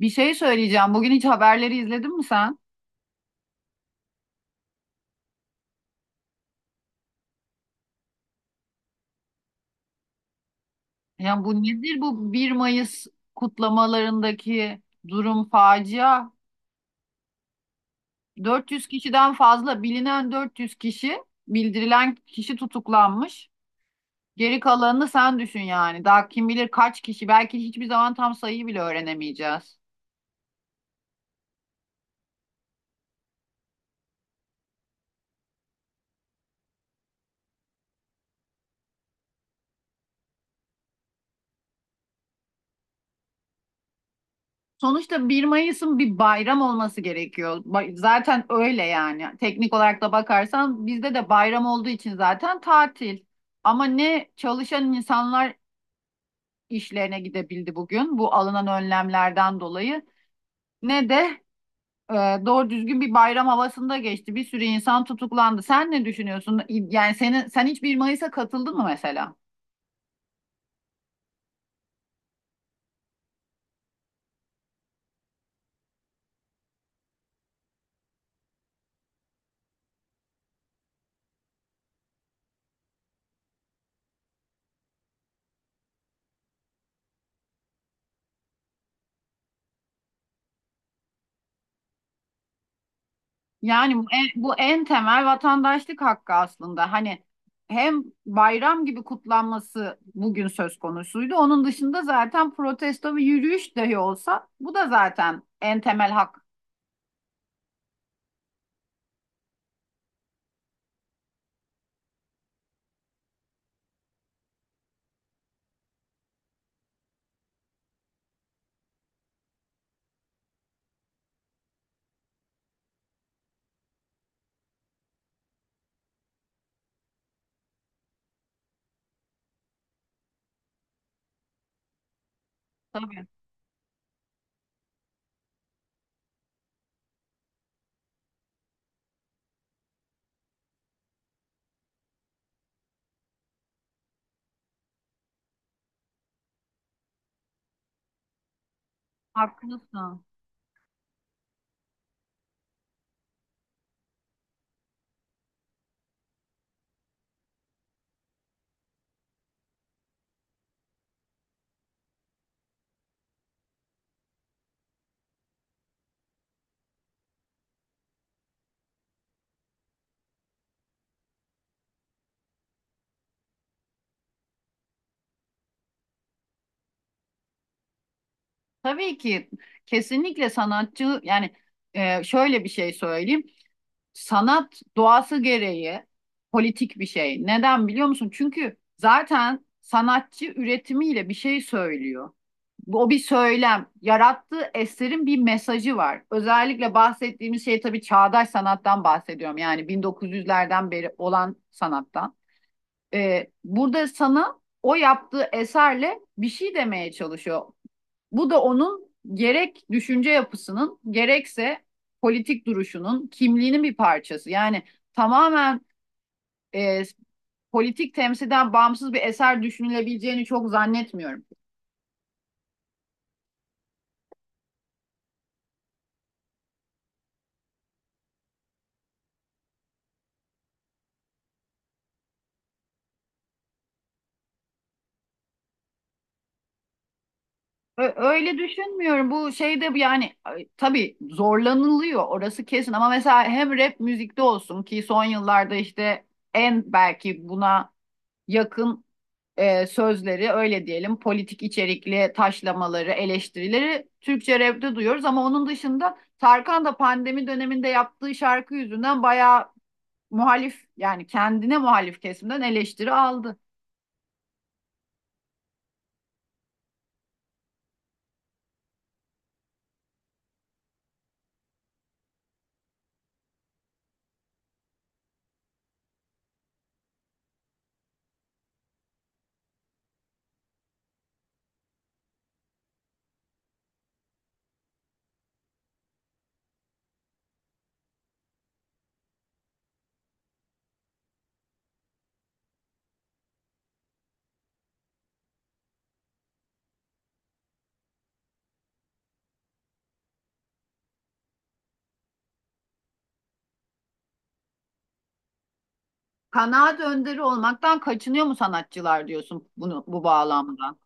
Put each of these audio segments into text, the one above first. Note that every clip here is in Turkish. Bir şey söyleyeceğim. Bugün hiç haberleri izledin mi sen? Yani bu nedir bu 1 Mayıs kutlamalarındaki durum facia? 400 kişiden fazla bilinen 400 kişi, bildirilen kişi tutuklanmış. Geri kalanını sen düşün yani. Daha kim bilir kaç kişi. Belki hiçbir zaman tam sayıyı bile öğrenemeyeceğiz. Sonuçta bir Mayıs'ın bir bayram olması gerekiyor. Zaten öyle yani. Teknik olarak da bakarsan bizde de bayram olduğu için zaten tatil. Ama ne çalışan insanlar işlerine gidebildi bugün bu alınan önlemlerden dolayı ne de e, doğru düzgün bir bayram havasında geçti. Bir sürü insan tutuklandı. Sen ne düşünüyorsun? Yani sen hiç bir Mayıs'a katıldın mı mesela? Yani bu en temel vatandaşlık hakkı aslında. Hani hem bayram gibi kutlanması bugün söz konusuydu. Onun dışında zaten protesto ve yürüyüş dahi olsa bu da zaten en temel hak. Tabii. Haklısın. Tabii ki kesinlikle sanatçı yani şöyle bir şey söyleyeyim. Sanat doğası gereği politik bir şey. Neden biliyor musun? Çünkü zaten sanatçı üretimiyle bir şey söylüyor. O bir söylem. Yarattığı eserin bir mesajı var. Özellikle bahsettiğimiz şey tabii çağdaş sanattan bahsediyorum. Yani 1900'lerden beri olan sanattan. Burada sana o yaptığı eserle bir şey demeye çalışıyor. Bu da onun gerek düşünce yapısının gerekse politik duruşunun kimliğinin bir parçası. Yani tamamen e, politik temsilden bağımsız bir eser düşünülebileceğini çok zannetmiyorum. Öyle düşünmüyorum. Bu şeyde bu yani ay, tabii zorlanılıyor orası kesin ama mesela hem rap müzikte olsun ki son yıllarda işte en belki buna yakın sözleri öyle diyelim politik içerikli taşlamaları, eleştirileri Türkçe rapte duyuyoruz ama onun dışında Tarkan da pandemi döneminde yaptığı şarkı yüzünden bayağı muhalif yani kendine muhalif kesimden eleştiri aldı. Kanaat önderi olmaktan kaçınıyor mu sanatçılar diyorsun bunu bu bağlamda?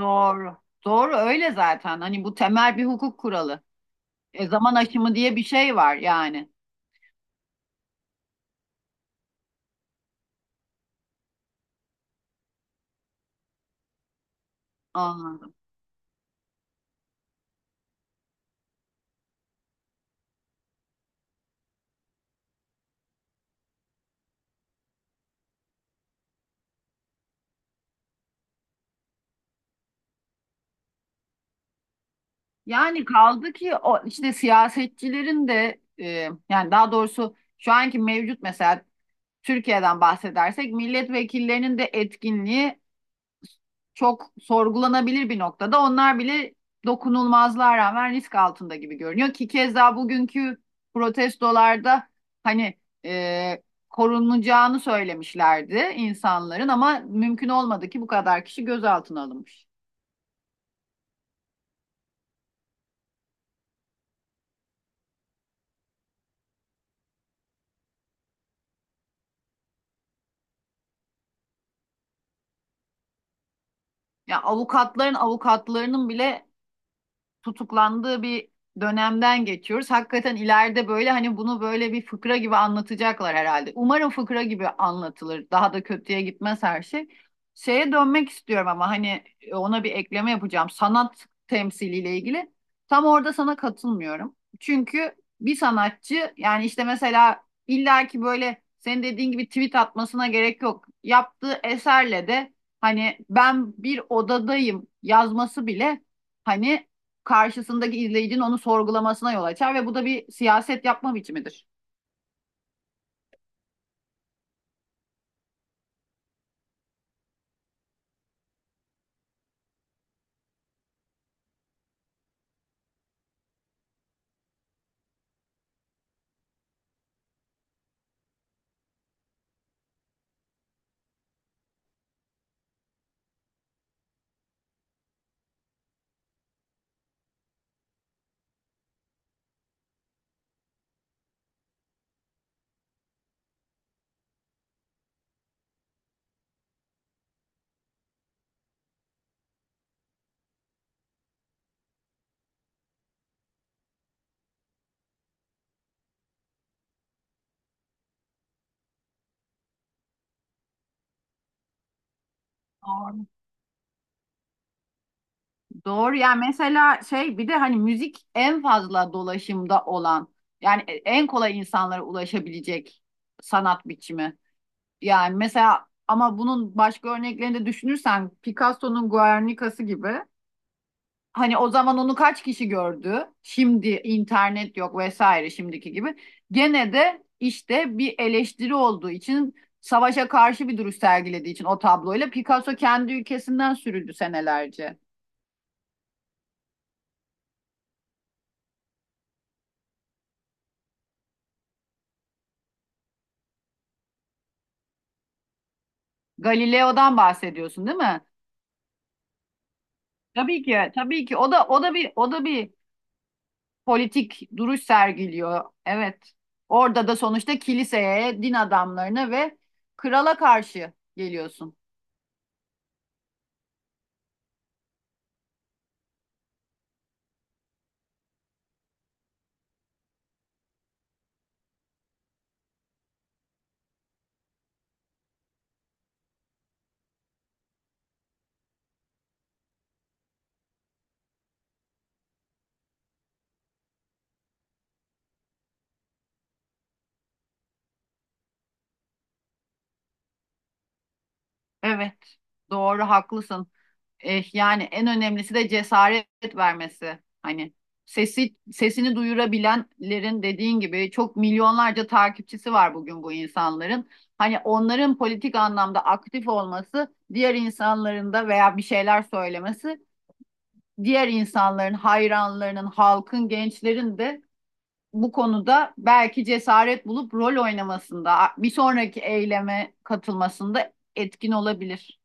Doğru. Doğru öyle zaten. Hani bu temel bir hukuk kuralı. Zaman aşımı diye bir şey var yani. Anladım. Yani kaldı ki o işte siyasetçilerin de yani daha doğrusu şu anki mevcut mesela Türkiye'den bahsedersek milletvekillerinin de etkinliği çok sorgulanabilir bir noktada. Onlar bile dokunulmazlığa rağmen risk altında gibi görünüyor ki keza bugünkü protestolarda hani e, korunacağını söylemişlerdi insanların ama mümkün olmadı ki bu kadar kişi gözaltına alınmış. Ya yani avukatlarının bile tutuklandığı bir dönemden geçiyoruz. Hakikaten ileride böyle hani bunu böyle bir fıkra gibi anlatacaklar herhalde. Umarım fıkra gibi anlatılır. Daha da kötüye gitmez her şey. Şeye dönmek istiyorum ama hani ona bir ekleme yapacağım. Sanat temsiliyle ilgili. Tam orada sana katılmıyorum. Çünkü bir sanatçı yani işte mesela illaki böyle senin dediğin gibi tweet atmasına gerek yok. Yaptığı eserle de hani ben bir odadayım yazması bile hani karşısındaki izleyicinin onu sorgulamasına yol açar ve bu da bir siyaset yapma biçimidir. Doğru. Doğru yani mesela şey bir de hani müzik en fazla dolaşımda olan yani en kolay insanlara ulaşabilecek sanat biçimi. Yani mesela ama bunun başka örneklerini de düşünürsen Picasso'nun Guernica'sı gibi. Hani o zaman onu kaç kişi gördü? Şimdi internet yok vesaire şimdiki gibi. Gene de işte bir eleştiri olduğu için savaşa karşı bir duruş sergilediği için o tabloyla Picasso kendi ülkesinden sürüldü senelerce. Galileo'dan bahsediyorsun değil mi? Tabii ki, tabii ki. O da bir politik duruş sergiliyor. Evet. Orada da sonuçta kiliseye, din adamlarına ve krala karşı geliyorsun. Evet. Doğru, haklısın. Eh, yani en önemlisi de cesaret vermesi. Hani sesini duyurabilenlerin dediğin gibi çok milyonlarca takipçisi var bugün bu insanların. Hani onların politik anlamda aktif olması, diğer insanların da veya bir şeyler söylemesi, diğer insanların, hayranlarının, halkın, gençlerin de bu konuda belki cesaret bulup rol oynamasında, bir sonraki eyleme katılmasında etkin olabilir.